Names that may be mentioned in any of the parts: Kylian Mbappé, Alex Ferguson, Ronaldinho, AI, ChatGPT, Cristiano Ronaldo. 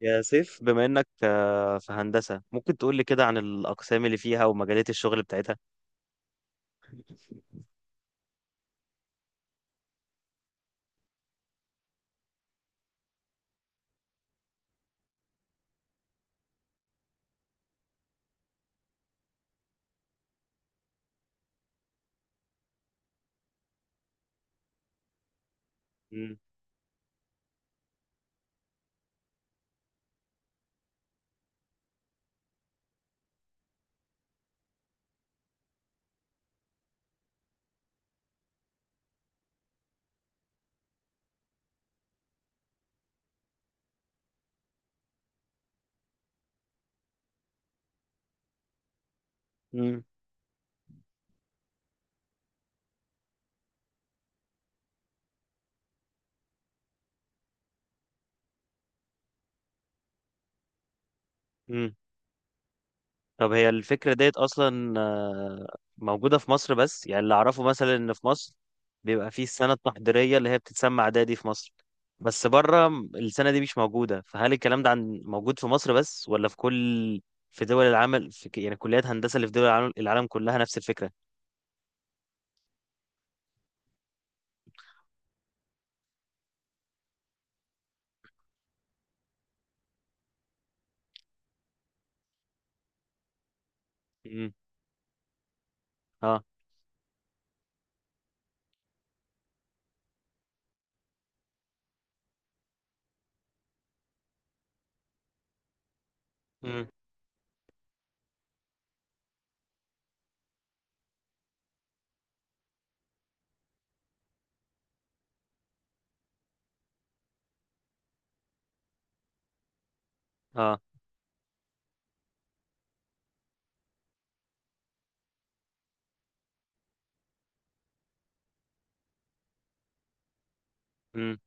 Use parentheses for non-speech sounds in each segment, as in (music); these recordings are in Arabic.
يا سيف، بما انك في هندسة ممكن تقول لي كده عن الأقسام اللي فيها ومجالات الشغل بتاعتها؟ مم. مم. مم. طب هي الفكرة ديت أصلا موجودة في مصر، بس يعني اللي أعرفه مثلا إن في مصر بيبقى فيه السنة التحضيرية اللي هي بتتسمى إعدادي في مصر، بس بره السنة دي مش موجودة. فهل الكلام ده عن موجود في مصر بس ولا في كل في دول العمل في يعني كليات هندسة اللي في دول العالم كلها نفس الفكرة؟ مم. اه. مم. اه. مم.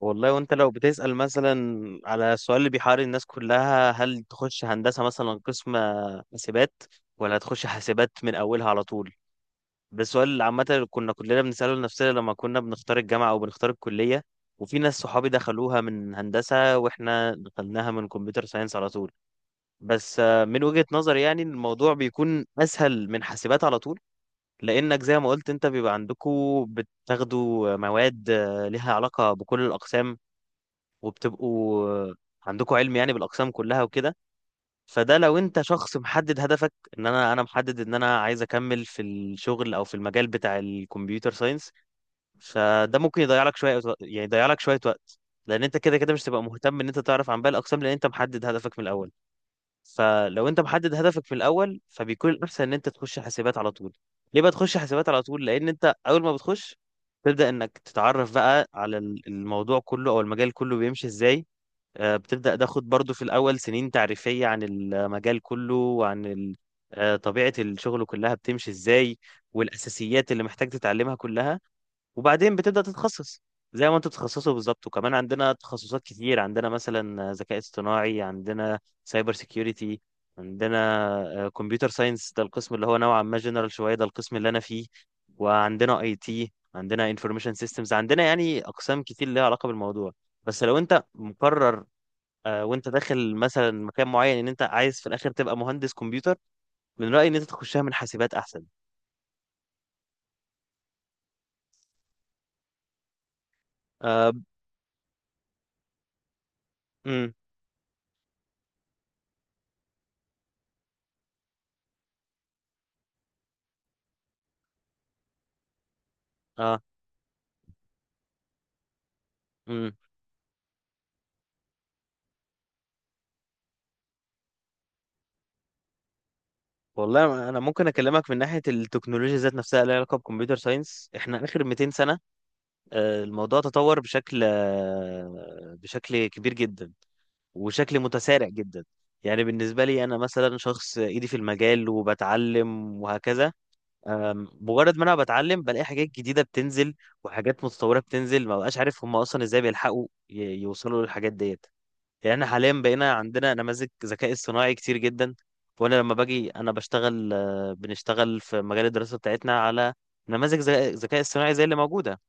والله، وانت لو بتسأل مثلا على السؤال اللي بيحير الناس كلها، هل تخش هندسة مثلا قسم حاسبات ولا تخش حاسبات من أولها على طول؟ ده السؤال اللي عامة اللي كنا كلنا بنسأله لنفسنا لما كنا بنختار الجامعة أو بنختار الكلية. وفي ناس صحابي دخلوها من هندسة، واحنا دخلناها من كمبيوتر ساينس على طول. بس من وجهة نظري يعني الموضوع بيكون أسهل من حاسبات على طول، لأنك زي ما قلت انت بيبقى عندكوا بتاخدوا مواد ليها علاقة بكل الأقسام، وبتبقوا عندكم علم يعني بالاقسام كلها وكده. فده لو انت شخص محدد هدفك، ان انا محدد ان انا عايز اكمل في الشغل او في المجال بتاع الكمبيوتر ساينس، فده ممكن يضيع لك شويه يعني يضيع لك شويه وقت، لان انت كده كده مش تبقى مهتم ان انت تعرف عن باقي الاقسام لان انت محدد هدفك من الاول. فلو انت محدد هدفك من الاول فبيكون الاحسن ان انت تخش حاسبات على طول. ليه بقى تخش حاسبات على طول؟ لان انت اول ما بتخش تبدا انك تتعرف بقى على الموضوع كله او المجال كله بيمشي ازاي. بتبدأ تاخد برضو في الأول سنين تعريفية عن المجال كله وعن طبيعة الشغل كلها بتمشي إزاي، والأساسيات اللي محتاج تتعلمها كلها، وبعدين بتبدأ تتخصص زي ما انتوا بتتخصصوا بالظبط. وكمان عندنا تخصصات كتير، عندنا مثلا ذكاء اصطناعي، عندنا سايبر سيكيورتي، عندنا كمبيوتر ساينس ده القسم اللي هو نوعا ما جنرال شوية ده القسم اللي أنا فيه، وعندنا اي تي، عندنا انفورميشن سيستمز، عندنا يعني أقسام كتير ليها علاقة بالموضوع. بس لو انت مقرر، وانت داخل مثلا مكان معين ان انت عايز في الاخر تبقى مهندس كمبيوتر، من رأيي ان انت تخشها من حاسبات احسن. آه. امم. اه. امم. والله، انا ممكن اكلمك من ناحيه التكنولوجيا ذات نفسها اللي لها علاقه بكمبيوتر ساينس. احنا اخر 200 سنه الموضوع تطور بشكل كبير جدا وشكل متسارع جدا. يعني بالنسبه لي انا مثلا شخص ايدي في المجال وبتعلم وهكذا. مجرد ما انا بتعلم بلاقي حاجات جديده بتنزل وحاجات متطوره بتنزل، ما بقاش عارف هم اصلا ازاي بيلحقوا يوصلوا للحاجات ديت. يعني احنا حاليا بقينا عندنا نماذج ذكاء اصطناعي كتير جدا. وانا لما باجي انا بشتغل آه، بنشتغل في مجال الدراسه بتاعتنا على نماذج ذكاء اصطناعي زي اللي موجوده.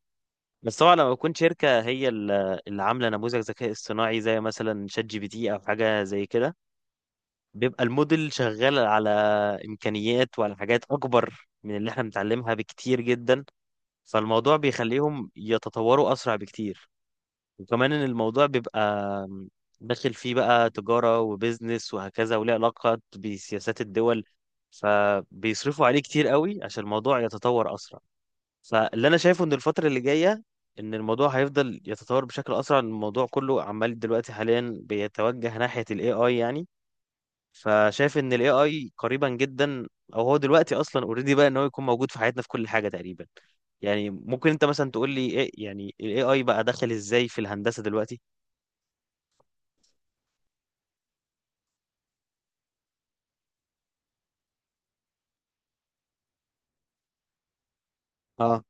بس طبعا لما تكون شركه هي اللي عامله نموذج ذكاء اصطناعي زي مثلا شات جي بي تي او حاجه زي كده، بيبقى الموديل شغال على إمكانيات وعلى حاجات أكبر من اللي احنا بنتعلمها بكتير جدا. فالموضوع بيخليهم يتطوروا أسرع بكتير. وكمان إن الموضوع بيبقى داخل فيه بقى تجارة وبيزنس وهكذا، وليه علاقة بسياسات الدول، فبيصرفوا عليه كتير قوي عشان الموضوع يتطور أسرع. فاللي أنا شايفه إن الفترة اللي جاية إن الموضوع هيفضل يتطور بشكل أسرع. الموضوع كله عمال دلوقتي حاليا بيتوجه ناحية ال AI يعني. فشايف ان الاي اي قريبا جدا، او هو دلوقتي اصلا اوريدي بقى ان هو يكون موجود في حياتنا في كل حاجه تقريبا. يعني ممكن انت مثلا تقول لي ايه يعني الاي اي بقى دخل ازاي في الهندسه دلوقتي؟ اه.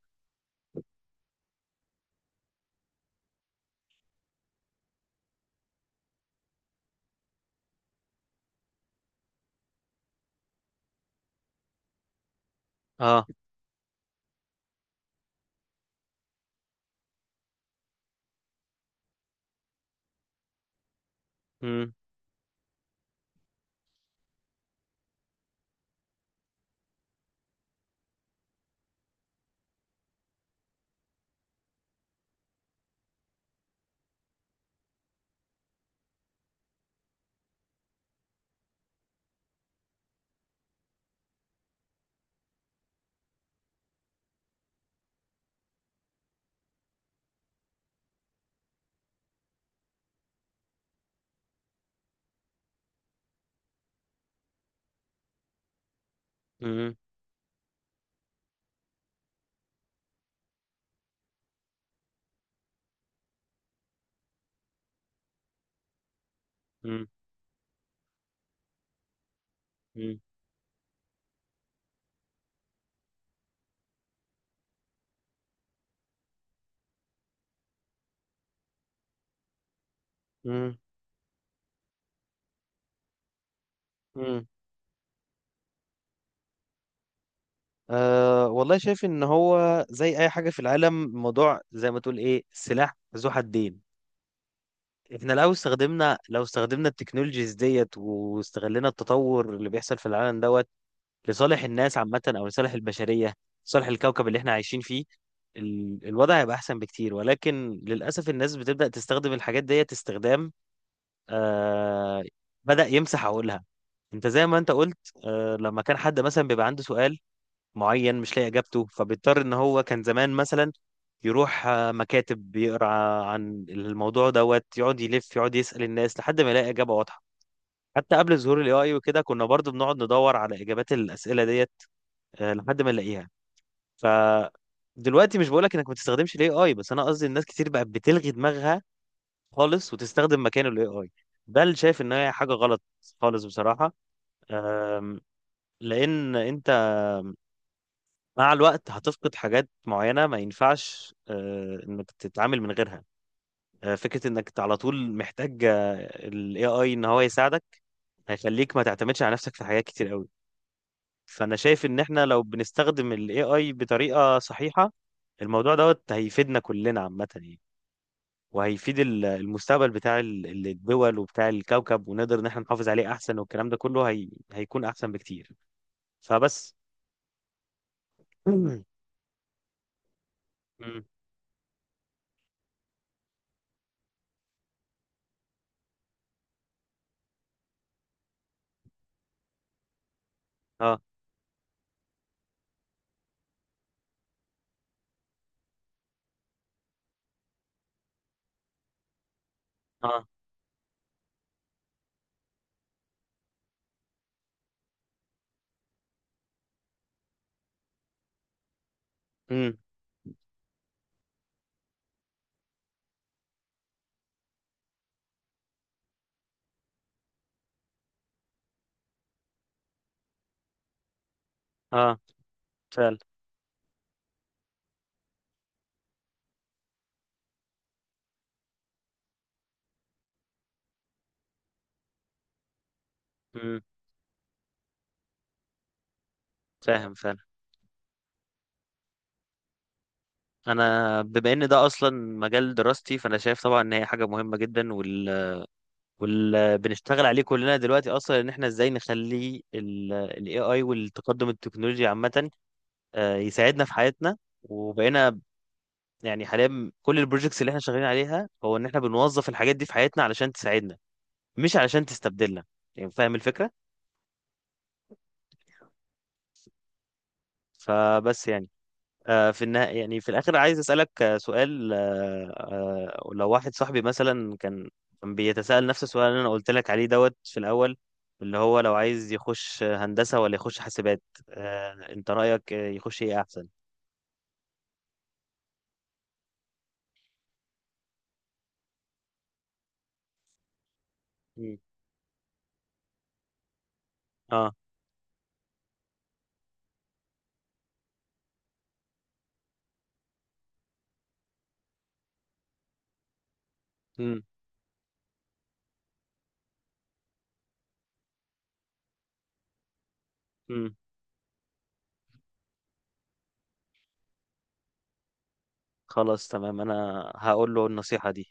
اه. امم. امم. امم. امم. امم. امم. أه، والله شايف ان هو زي اي حاجه في العالم الموضوع زي ما تقول ايه سلاح ذو حدين. احنا لو استخدمنا التكنولوجيز ديت واستغلنا التطور اللي بيحصل في العالم دوت لصالح الناس عامة أو لصالح البشرية، لصالح الكوكب اللي احنا عايشين فيه، الوضع هيبقى أحسن بكتير. ولكن للأسف الناس بتبدأ تستخدم الحاجات ديت استخدام آه بدأ يمسح عقولها. أنت زي ما أنت قلت، لما كان حد مثلا بيبقى عنده سؤال معين مش لاقي إجابته، فبيضطر إن هو كان زمان مثلا يروح مكاتب، بيقرا عن الموضوع دوت، يقعد يلف يقعد يسأل الناس لحد ما يلاقي إجابة واضحة. حتى قبل ظهور الاي اي وكده كنا برضو بنقعد ندور على اجابات الاسئله ديت لحد ما نلاقيها. ف دلوقتي مش بقولك انك ما تستخدمش الاي اي، بس انا قصدي الناس كتير بقت بتلغي دماغها خالص وتستخدم مكانه الاي اي. ده اللي شايف ان هي حاجه غلط خالص بصراحه. آم، لان انت مع الوقت هتفقد حاجات معينه ما ينفعش انك تتعامل من غيرها. فكره انك على طول محتاج الاي اي ان هو يساعدك هيخليك ما تعتمدش على نفسك في حاجات كتير قوي. فانا شايف ان احنا لو بنستخدم الاي اي بطريقه صحيحه الموضوع دوت هيفيدنا كلنا عامة يعني، وهيفيد المستقبل بتاع الدول وبتاع الكوكب، ونقدر ان احنا نحافظ عليه احسن، والكلام ده كله هيكون احسن بكتير. فبس. (clears throat) مم. اه. اه. مم. اه، فعلا. مم. فاهم، فعلا. انا بما ان ده اصلا مجال دراستي فانا شايف طبعا ان هي حاجة مهمة جدا، بنشتغل عليه كلنا دلوقتي اصلا ان احنا ازاي نخلي ال AI والتقدم التكنولوجي عامة يساعدنا في حياتنا. وبقينا يعني حاليا كل البروجكتس اللي احنا شغالين عليها هو ان احنا بنوظف الحاجات دي في حياتنا علشان تساعدنا، مش علشان تستبدلنا. يعني فاهم الفكرة؟ فبس يعني. في النهاية يعني في الاخر عايز اسالك سؤال. لو واحد صاحبي مثلا كان بيتساءل نفس السؤال اللي انا قلت لك عليه دوت في الاول، اللي هو لو عايز يخش هندسة ولا يخش حاسبات، انت رأيك يخش ايه احسن؟ مم. اه. امم. خلاص، تمام، انا هقول له النصيحة دي.